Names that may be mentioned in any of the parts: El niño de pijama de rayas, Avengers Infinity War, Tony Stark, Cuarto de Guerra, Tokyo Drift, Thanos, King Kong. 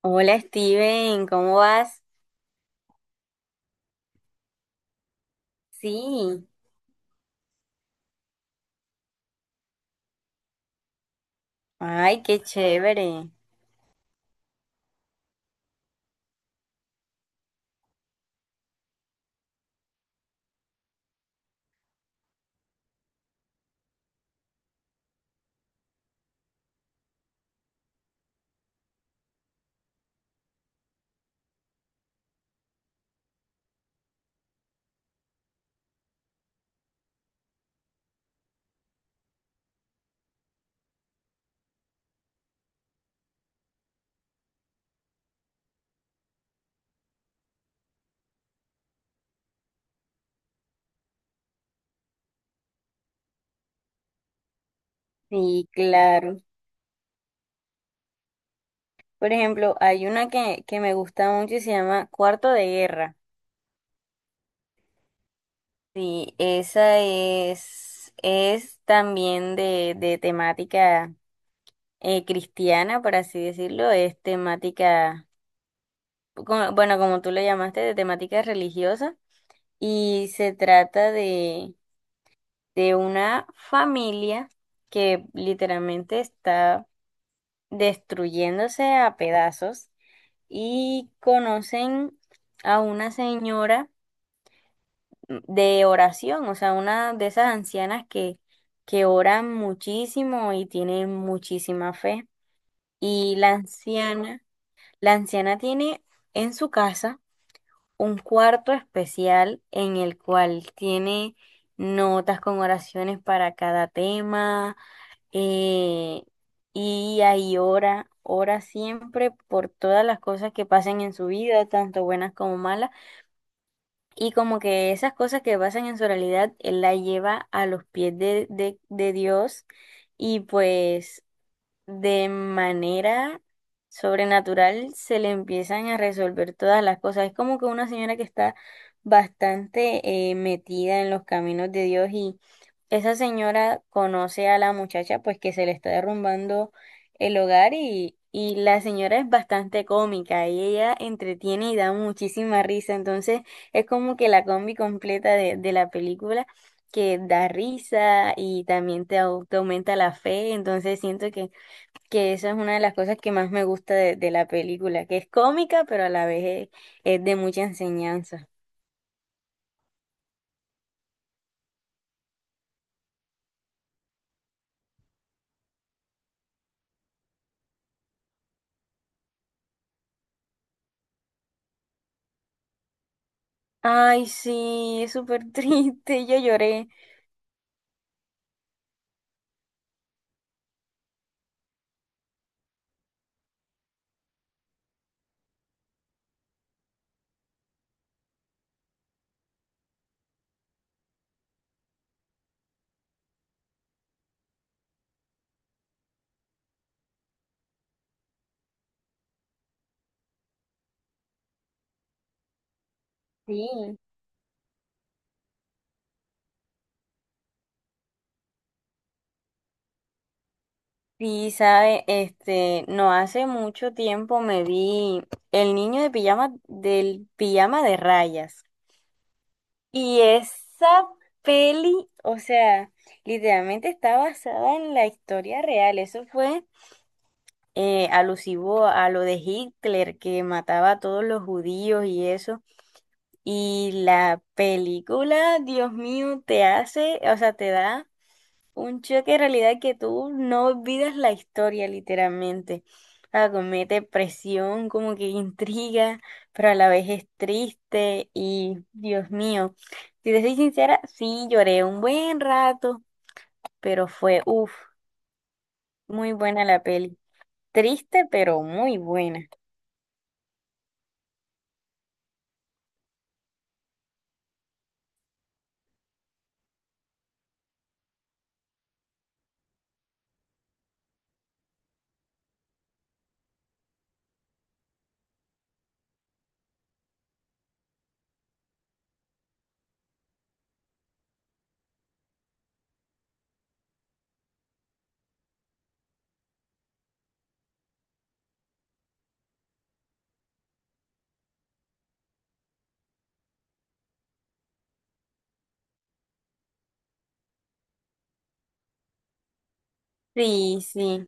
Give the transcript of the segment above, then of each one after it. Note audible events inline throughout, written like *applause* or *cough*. Hola Steven, ¿cómo vas? Sí, ay, qué chévere. Sí, claro. Por ejemplo, hay una que me gusta mucho y se llama Cuarto de Guerra. Sí, esa es también de temática cristiana, por así decirlo. Es temática, bueno, como tú lo llamaste, de temática religiosa. Y se trata de una familia que literalmente está destruyéndose a pedazos y conocen a una señora de oración, o sea, una de esas ancianas que oran muchísimo y tienen muchísima fe. Y la anciana tiene en su casa un cuarto especial en el cual tiene notas con oraciones para cada tema, eh, y ahí ora, ora siempre por todas las cosas que pasen en su vida, tanto buenas como malas, y como que esas cosas que pasan en su realidad, él la lleva a los pies de Dios y pues de manera sobrenatural se le empiezan a resolver todas las cosas. Es como que una señora que está bastante metida en los caminos de Dios y esa señora conoce a la muchacha pues que se le está derrumbando el hogar y la señora es bastante cómica y ella entretiene y da muchísima risa. Entonces es como que la combi completa de la película, que da risa y también te aumenta la fe, entonces siento que esa es una de las cosas que más me gusta de la película, que es cómica, pero a la vez es de mucha enseñanza. Ay, sí, es súper *laughs* triste, yo lloré. Sí, Sí, sabe, no hace mucho tiempo me vi El niño de pijama del pijama de rayas. Y esa peli, o sea, literalmente está basada en la historia real. Eso fue alusivo a lo de Hitler, que mataba a todos los judíos y eso. Y la película, Dios mío, te hace, o sea, te da un choque de realidad que tú no olvidas la historia, literalmente. Ah, comete presión, como que intriga, pero a la vez es triste y Dios mío, si te soy sincera, sí lloré un buen rato, pero fue, uff, muy buena la peli. Triste, pero muy buena. Sí, sí.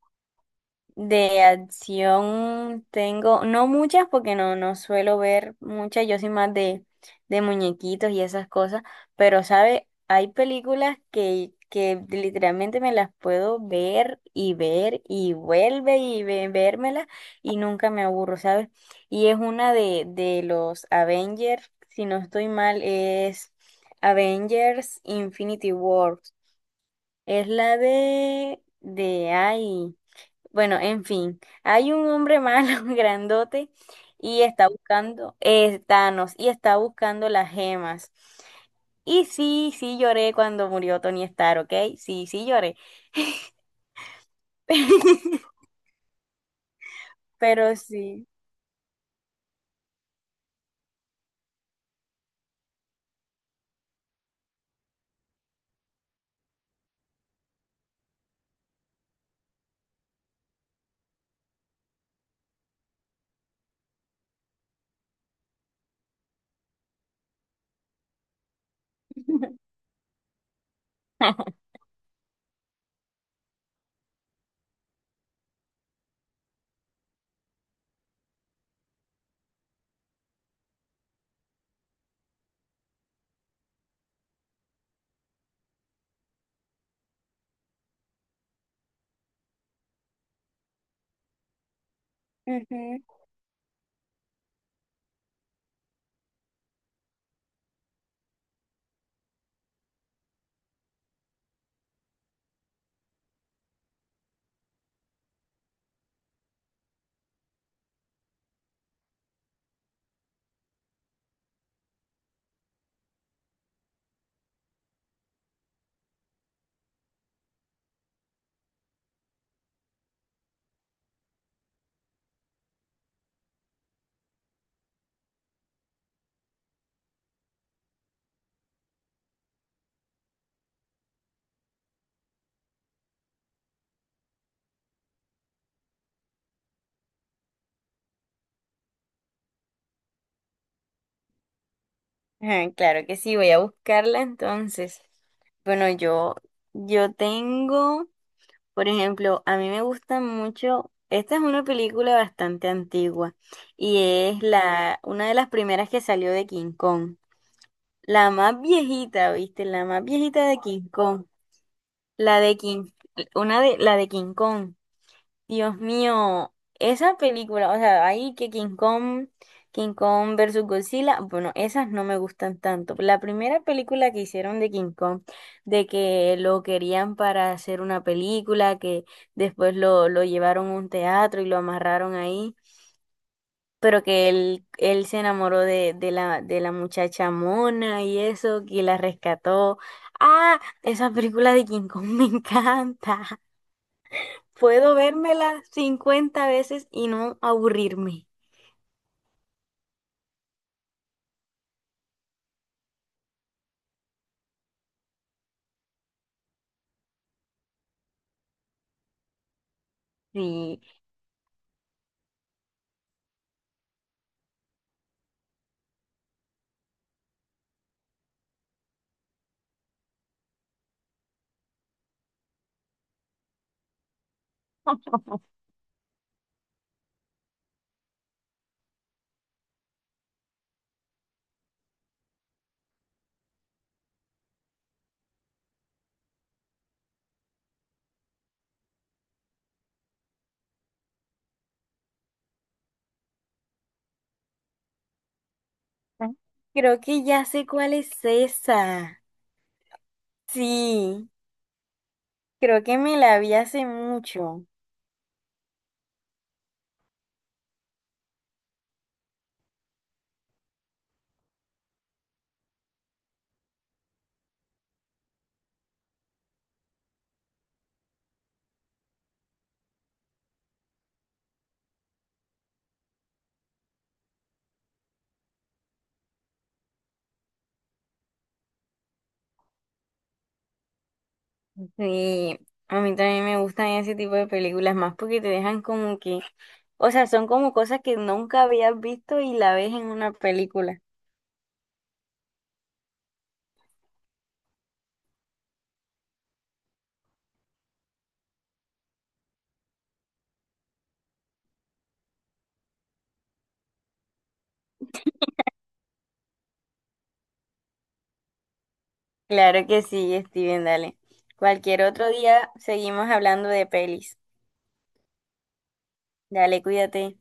De acción tengo, no muchas porque no, no suelo ver muchas, yo soy más de muñequitos y esas cosas, pero sabe, hay películas que literalmente me las puedo ver y ver y vuelve y vérmelas y nunca me aburro, ¿sabes? Y es una de los Avengers, si no estoy mal, es Avengers Infinity War. Es la ay, bueno, en fin, hay un hombre malo, *laughs* grandote, y está buscando, Thanos, y está buscando las gemas. Y sí, sí lloré cuando murió Tony Stark, ¿ok? Sí, sí lloré. *laughs* Pero sí. *laughs* Ujú. Ah, claro que sí, voy a buscarla entonces. Bueno, yo tengo. Por ejemplo, a mí me gusta mucho, esta es una película bastante antigua y es la una de las primeras que salió de King Kong, la más viejita, ¿viste? La más viejita de King Kong, la de King, una de la de King Kong. Dios mío, esa película, o sea, ahí que King Kong, King Kong versus Godzilla, bueno, esas no me gustan tanto. La primera película que hicieron de King Kong, de que lo querían para hacer una película, que después lo llevaron a un teatro y lo amarraron ahí, pero que él se enamoró de la muchacha mona y eso, que la rescató. Ah, esa película de King Kong *laughs* me encanta. Puedo vérmela 50 veces y no aburrirme. Sí. Ah. Creo que ya sé cuál es esa. Sí, creo que me la vi hace mucho. Sí, a mí también me gustan ese tipo de películas más porque te dejan como que, o sea, son como cosas que nunca habías visto y la ves en una película. Claro que sí, Steven, dale. Cualquier otro día seguimos hablando de pelis. Dale, cuídate.